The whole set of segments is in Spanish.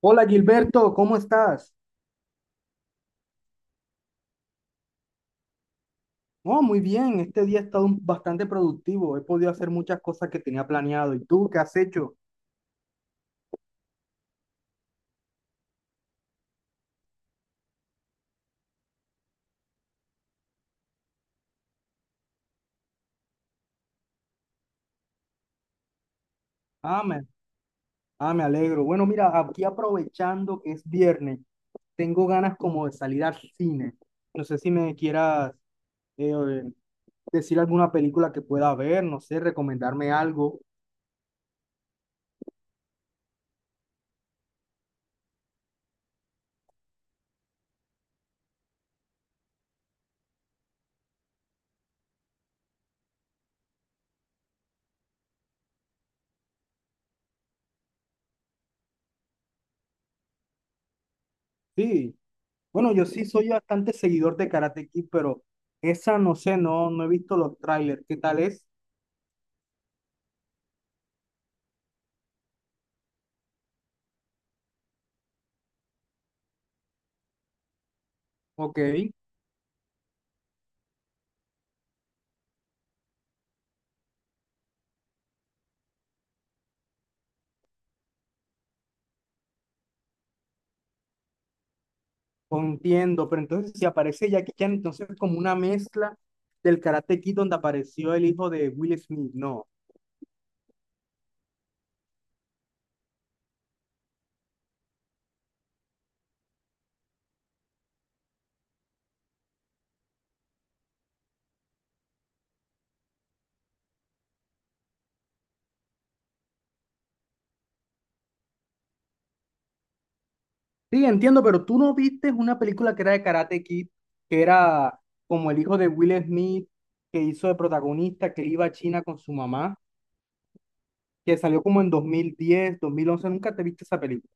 Hola Gilberto, ¿cómo estás? Oh, muy bien, este día ha estado bastante productivo, he podido hacer muchas cosas que tenía planeado. ¿Y tú qué has hecho? Ah, me, me alegro. Bueno, mira, aquí aprovechando que es viernes, tengo ganas como de salir al cine. No sé si me quieras eh, decir alguna película que pueda ver, no sé, recomendarme algo. Sí, bueno, yo sí soy bastante seguidor de Karate Kid, pero esa no sé, no he visto los trailers. ¿Qué tal es? Ok. No entiendo, pero entonces si aparece Jackie Chan, entonces es como una mezcla del Karate Kid donde apareció el hijo de Will Smith, no. Sí, entiendo, pero tú no viste una película que era de Karate Kid, que era como el hijo de Will Smith, que hizo de protagonista, que iba a China con su mamá, que salió como en 2010, 2011. ¿Nunca te viste esa película?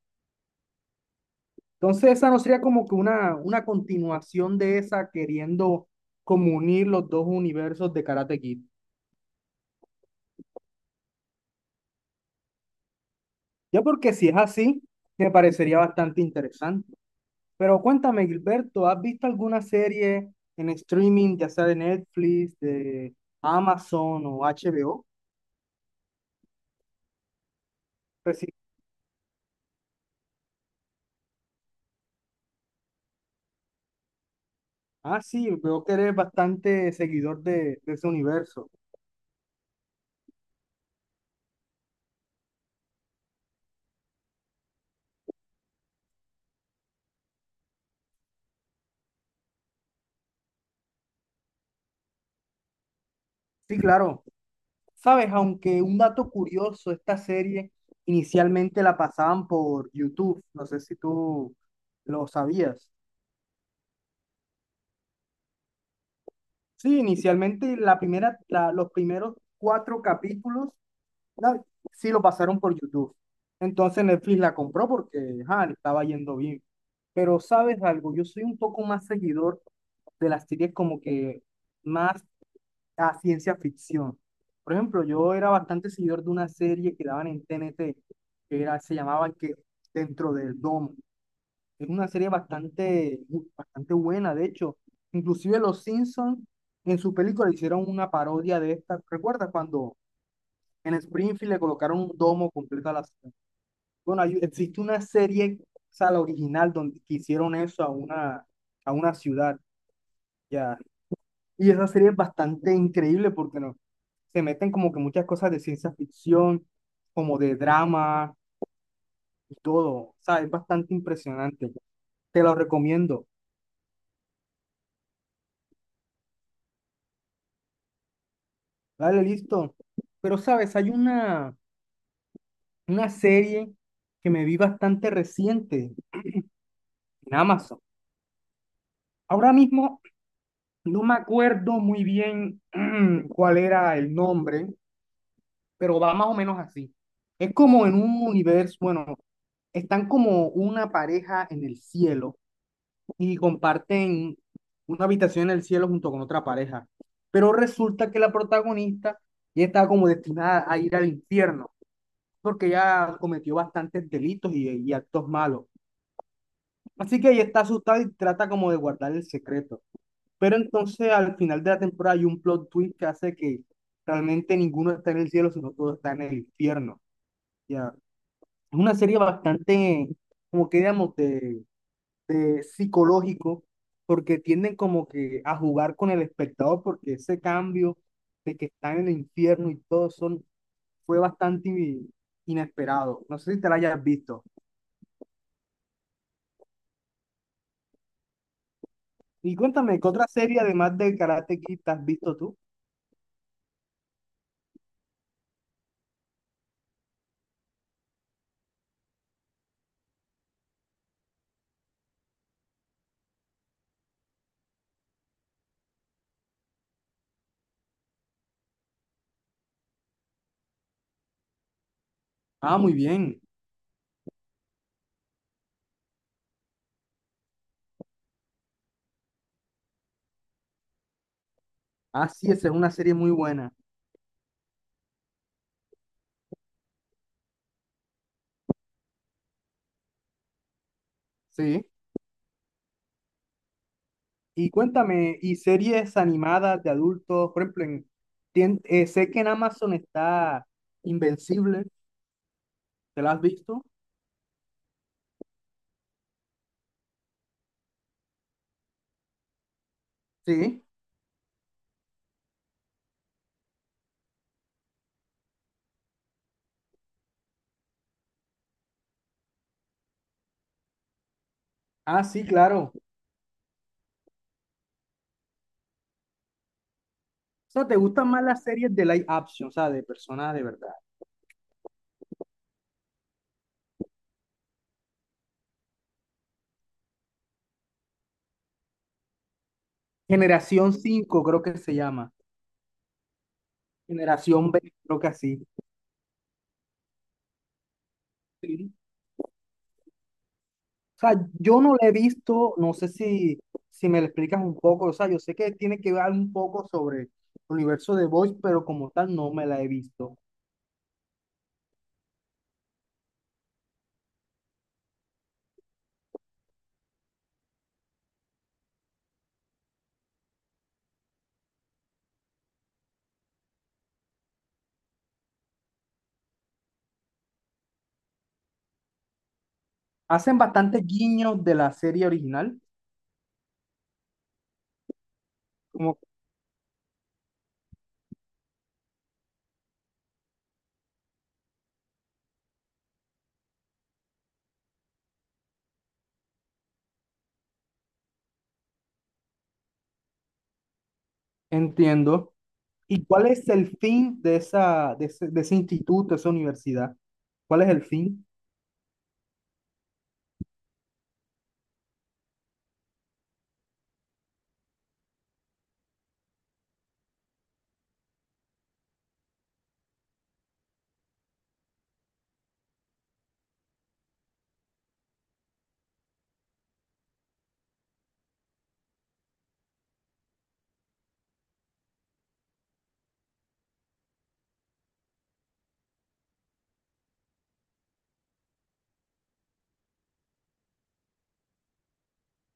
Entonces esa no sería como que una continuación de esa, queriendo como unir los dos universos de Karate Kid. Ya, porque si es así, me parecería bastante interesante. Pero cuéntame, Gilberto, ¿has visto alguna serie en streaming, ya sea de Netflix, de Amazon o HBO? Pues sí. Ah, sí, veo que eres bastante seguidor de ese universo. Sí, claro. Sabes, aunque un dato curioso, esta serie inicialmente la pasaban por YouTube. No sé si tú lo sabías. Sí, inicialmente los primeros 4 capítulos Una- sí lo pasaron por YouTube. Entonces Netflix la compró porque ajá, le estaba yendo bien. Pero sabes algo, yo soy un poco más seguidor de las series como que más a ciencia ficción. Por ejemplo, yo era bastante seguidor de una serie que daban en TNT, se llamaba que Dentro del Domo. Es una serie bastante, bastante buena, de hecho. Inclusive los Simpsons en su película hicieron una parodia de esta. ¿Recuerdas cuando en Springfield le colocaron un domo completo a la ciudad? Bueno, existe una serie, o sea, la original, donde que hicieron eso a una ciudad, ya. Y esa serie es bastante increíble porque no, se meten como que muchas cosas de ciencia ficción, como de drama y todo. O sea, es bastante impresionante. Te lo recomiendo. Dale, listo. Pero, ¿sabes? Hay una serie que me vi bastante reciente en Amazon. Ahora mismo no me acuerdo muy bien, cuál era el nombre, pero va más o menos así. Es como en un universo, bueno, están como una pareja en el cielo y comparten una habitación en el cielo junto con otra pareja. Pero resulta que la protagonista ya está como destinada a ir al infierno porque ya cometió bastantes delitos y actos malos. Así que ella está asustada y trata como de guardar el secreto. Pero entonces al final de la temporada hay un plot twist que hace que realmente ninguno está en el cielo, sino todo está en el infierno. Ya. Es una serie bastante, como que digamos, de psicológico, porque tienden como que a jugar con el espectador, porque ese cambio de que están en el infierno y todo son, fue bastante inesperado. No sé si te la hayas visto. Y cuéntame, ¿qué otra serie además del Karate Kid te has visto tú? Ah, muy bien. Ah, sí, esa es una serie muy buena. Sí. Y cuéntame, ¿y series animadas de adultos? Por ejemplo, en, sé que en Amazon está Invencible, ¿te la has visto? Sí. Ah, sí, claro. O sea, ¿te gustan más las series de live action, o sea, de personas de verdad? Generación cinco creo que se llama. Generación B, creo que así. Sí. O sea, yo no la he visto, no sé si, si me lo explicas un poco, o sea, yo sé que tiene que ver un poco sobre el universo de Voice, pero como tal no me la he visto. Hacen bastantes guiños de la serie original, como entiendo. ¿Y cuál es el fin de esa, de ese instituto, de esa universidad? ¿Cuál es el fin?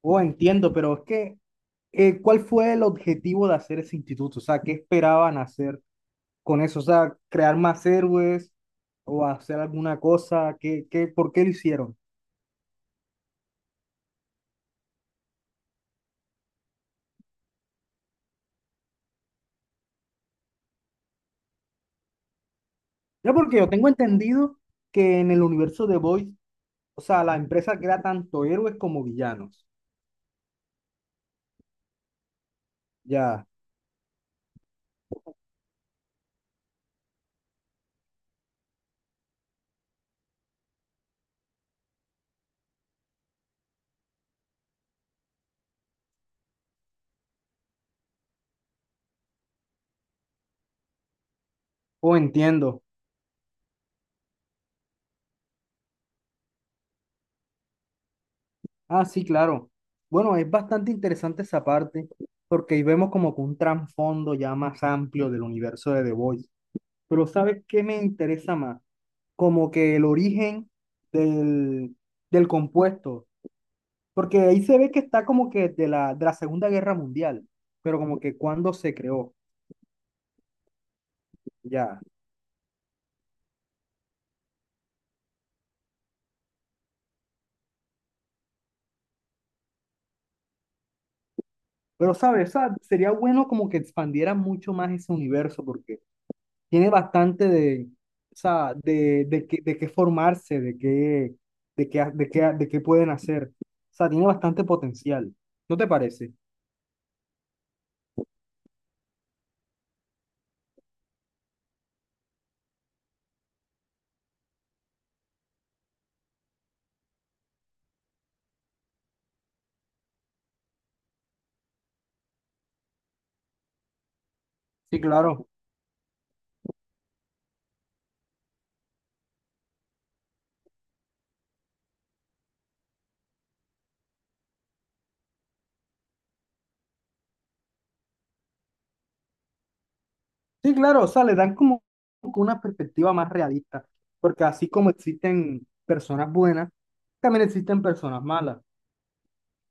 Oh, entiendo, pero es que, ¿cuál fue el objetivo de hacer ese instituto? O sea, ¿qué esperaban hacer con eso? O sea, ¿crear más héroes o hacer alguna cosa? Por qué lo hicieron? Yo porque yo tengo entendido que en el universo de Boys, o sea, la empresa crea tanto héroes como villanos. Ya, oh, entiendo. Ah, sí, claro. Bueno, es bastante interesante esa parte, porque ahí vemos como que un trasfondo ya más amplio del universo de The Voice. Pero ¿sabes qué me interesa más? Como que el origen del, del compuesto, porque ahí se ve que está como que de la Segunda Guerra Mundial, pero como que cuando se creó, ya. Pero, ¿sabes? O sea, sería bueno como que expandieran mucho más ese universo, porque tiene bastante de, o sea, de, de qué formarse, de qué pueden hacer. O sea, tiene bastante potencial. ¿No te parece? Sí, claro. Sí, claro, o sea, le dan como una perspectiva más realista, porque así como existen personas buenas, también existen personas malas.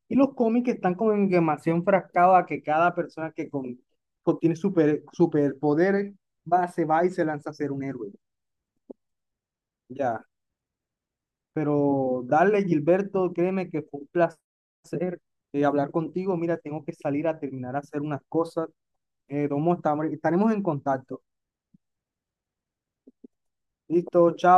Y los cómics están como en demasiado enfrascados a que cada persona que contiene superpoderes se va y se lanza a ser un héroe. Ya. Pero dale, Gilberto, créeme que fue un placer hablar contigo. Mira, tengo que salir a terminar a hacer unas cosas. Domo, estaremos en contacto. Listo, chao.